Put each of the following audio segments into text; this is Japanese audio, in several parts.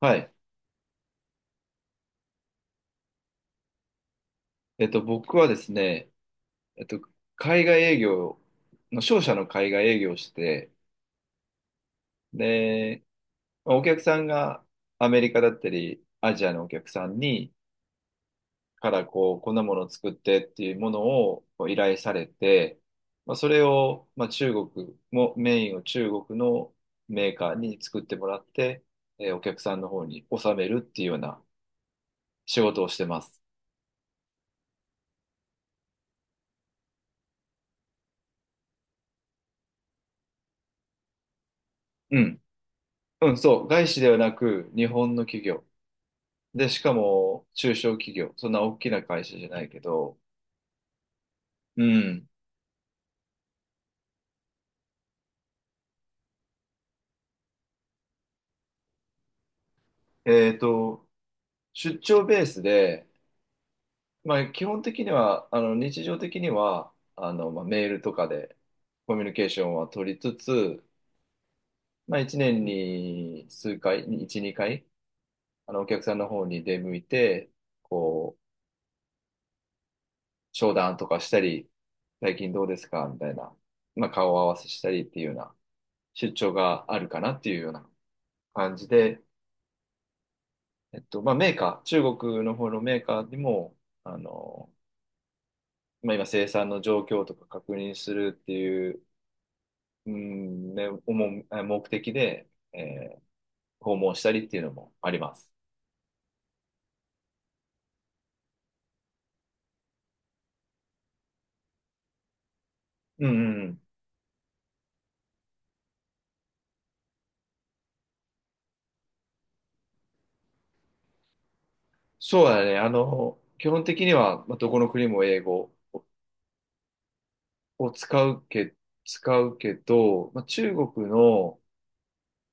はい。僕はですね、えっと、海外営業の、商社の海外営業をして、で、まあお客さんがアメリカだったり、アジアのお客さんに、からこう、こんなものを作ってっていうものをこう依頼されて、まあ、それを、まあ、中国も、メインを中国のメーカーに作ってもらって、お客さんの方に納めるっていうような仕事をしてます。うん。うん、そう。外資ではなく、日本の企業。で、しかも中小企業、そんな大きな会社じゃないけど、うん。えっと、出張ベースで、まあ、基本的には、日常的には、まあ、メールとかでコミュニケーションは取りつつ、まあ、1年に数回、1、2回、お客さんの方に出向いて、こう、商談とかしたり、最近どうですかみたいな、まあ、顔合わせしたりっていうような出張があるかなっていうような感じで、まあ、メーカー、中国の方のメーカーにも、あの、まあ、今生産の状況とか確認するっていう、うん、ね、思うあ目的で、訪問したりっていうのもあります。うん、うん。そうだね。あの、基本的には、まあ、どこの国も英語を使うけど、まあ、中国の、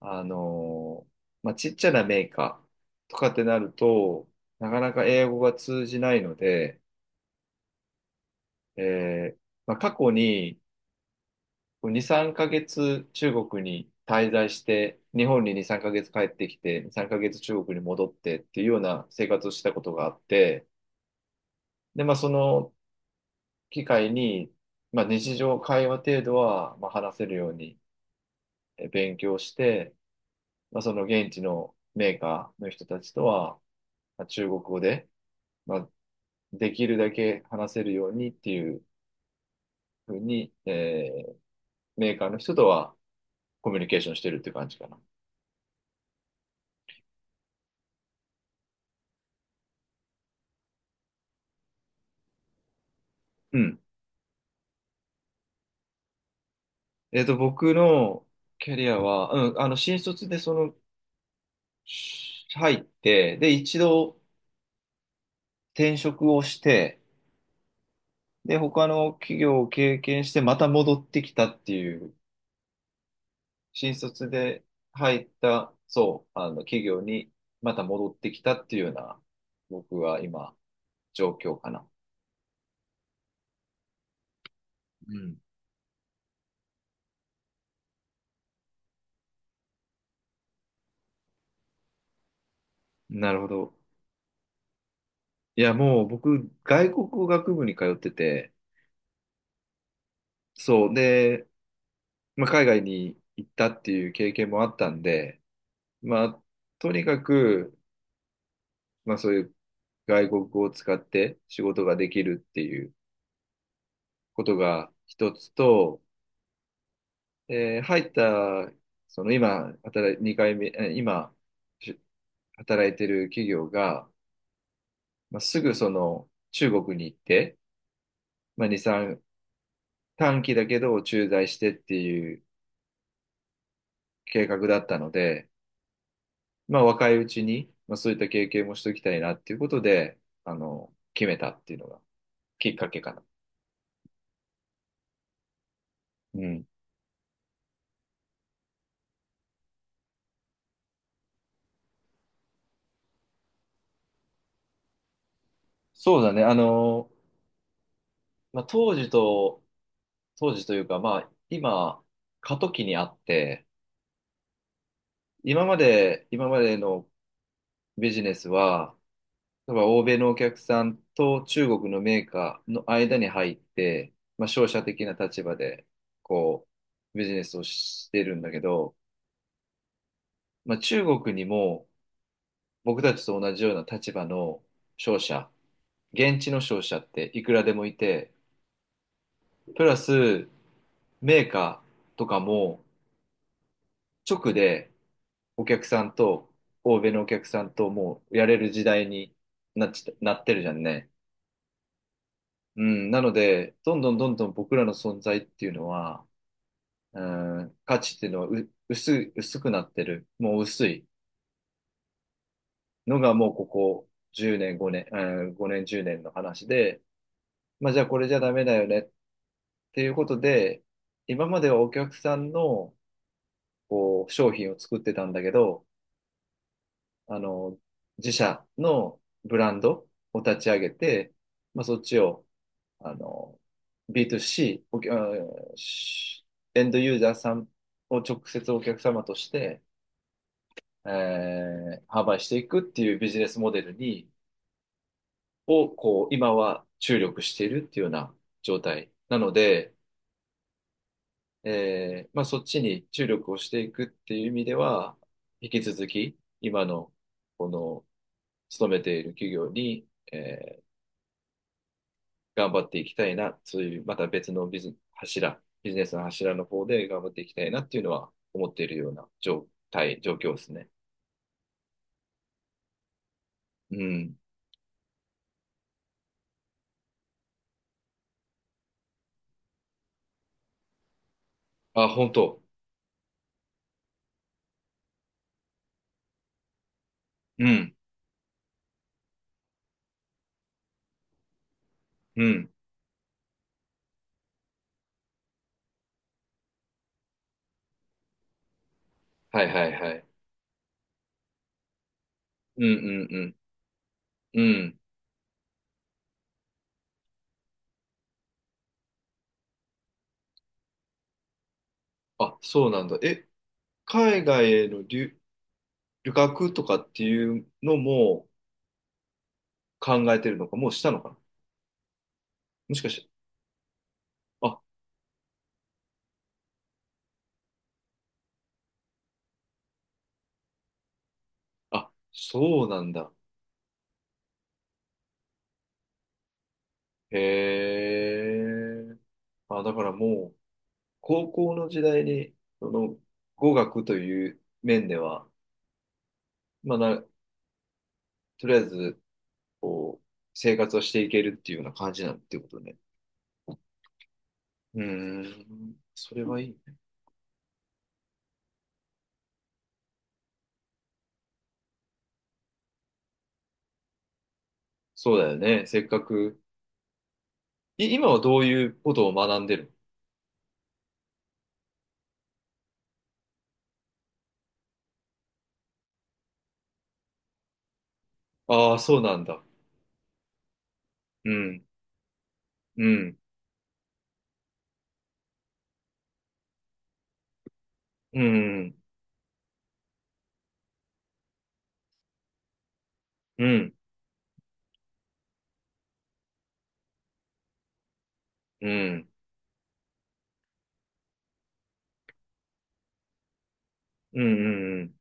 あの、まあ、ちっちゃなメーカーとかってなると、なかなか英語が通じないので、えーまあ、過去にこう2、3ヶ月中国に滞在して、日本に2、3ヶ月帰ってきて、2、3ヶ月中国に戻ってっていうような生活をしたことがあって、で、まあ、その機会に、まあ、日常会話程度は、まあ、話せるように勉強して、まあ、その現地のメーカーの人たちとは、まあ、中国語で、まあ、できるだけ話せるようにっていうふうに、メーカーの人とはコミュニケーションしてるって感じかな。うん。僕のキャリアは、うん、あの、新卒でその、入って、で、一度転職をして、で、他の企業を経験して、また戻ってきたっていう、新卒で入った、そう、あの、企業にまた戻ってきたっていうような、僕は今、状況かな。うん。なるほど。いや、もう僕、外国語学部に通ってて、そう、で、まあ、海外に行ったっていう経験もあったんで、まあ、とにかく、まあそういう外国語を使って仕事ができるっていうことが一つと、入った、その今、2回目、今、し働いてる企業が、まあ、すぐその中国に行って、まあ、2、3、短期だけど駐在してっていう計画だったので、まあ若いうちに、まあそういった経験もしておきたいなっていうことで、決めたっていうのがきっかけかな。うんそうだね。あの、まあ、当時というか、まあ、今、過渡期にあって、今までのビジネスは、例えば欧米のお客さんと中国のメーカーの間に入って、まあ、商社的な立場で、こう、ビジネスをしてるんだけど、まあ、中国にも僕たちと同じような立場の商社、現地の商社っていくらでもいて、プラスメーカーとかも直で、お客さんと、欧米のお客さんともうやれる時代になってるじゃんね。うん。なので、どんどん僕らの存在っていうのは、うん、価値っていうのはう、薄い、薄くなってる。もう薄いのがもうここ10年、5年、うん、5年、10年の話で、まあじゃあこれじゃダメだよねっていうことで、今まではお客さんのこう商品を作ってたんだけど、あの、自社のブランドを立ち上げて、まあ、そっちを、あの、ビー2 c お客うんしエンドユーザーさんを直接お客様として、え販売していくっていうビジネスモデルに、を、こう、今は注力しているっていうような状態なので、まあ、そっちに注力をしていくっていう意味では、引き続き、今の、この、勤めている企業に、えー頑張っていきたいな、そういうまた別のビズ、柱、ビジネスの柱の方で頑張っていきたいなっていうのは思っているような状態、状況ですね。うん。あ、本当。うん。うん。はいはいはい。うんうんうん。うん。あ、そうなんだ。え、海外への留、旅客とかっていうのも考えてるのか、もうしたのかなもしかして。あ、あ、そうなんだ。へえ。あ、だからもう、高校の時代に、その、語学という面では、まあな、とりあえず、こう、生活をしていけるっていうような感じなんていうことね。うーん、それはいいね。そうだよね。せっかく。今はどういうことを学んでるああー、そうなんだ。うん、うん、うん、うん、うん、うん、うん、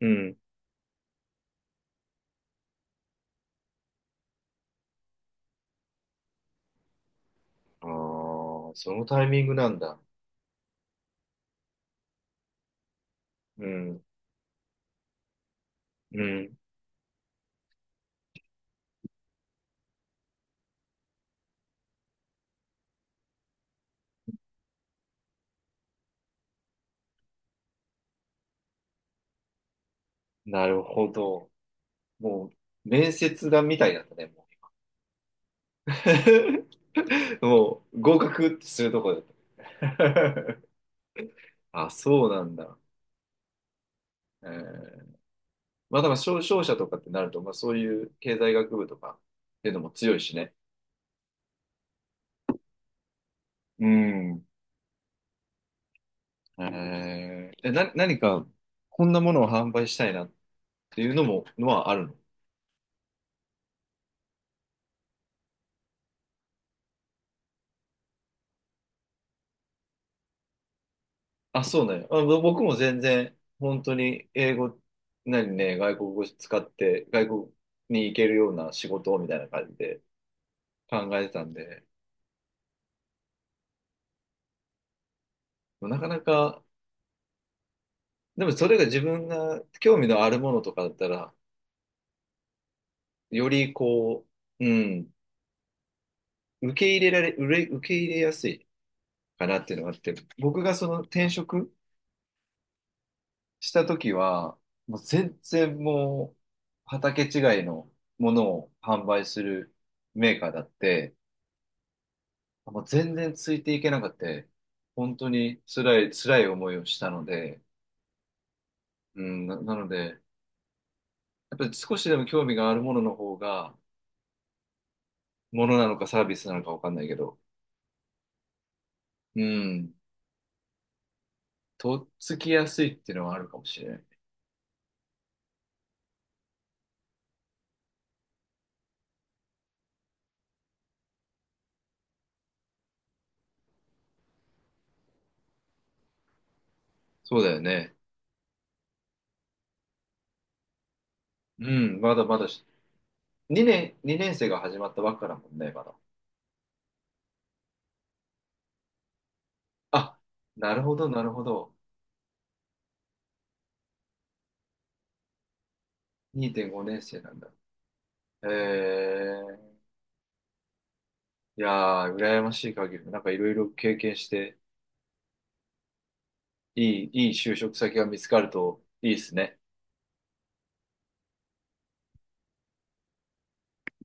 うん。ああー、そのタイミングなんだ。うん、うん。なるほど。もう、面接だみたいだったね。もう合格ってするとこだった。あ、そうなんだ。えーまあだから商社とかってなると、まあそういう経済学部とかっていうのも強いしね。うん。えー、え、何かこんなものを販売したいなっていうのも、のはあるのあ、そうね。あ、僕も全然、本当に英語、何ね、外国語使って、外国に行けるような仕事をみたいな感じで考えてたんで、なかなかでもそれが自分が興味のあるものとかだったら、よりこう、うん、受け入れやすいかなっていうのがあって、僕がその転職した時は、もう全然もう畑違いのものを販売するメーカーだって、もう全然ついていけなくて、本当に辛い、辛い思いをしたので、うん、なので、やっぱり少しでも興味があるものの方が、ものなのかサービスなのかわかんないけど、うん、とっつきやすいっていうのはあるかもしれない。そうだよね。うん、まだまだし、2年生が始まったばっかだもんね、まだ。あ、なるほど、なるほど。2.5年生なんだ。えー、いやー、羨ましい限り、なんかいろいろ経験して、いいい就職先が見つかるといいですね。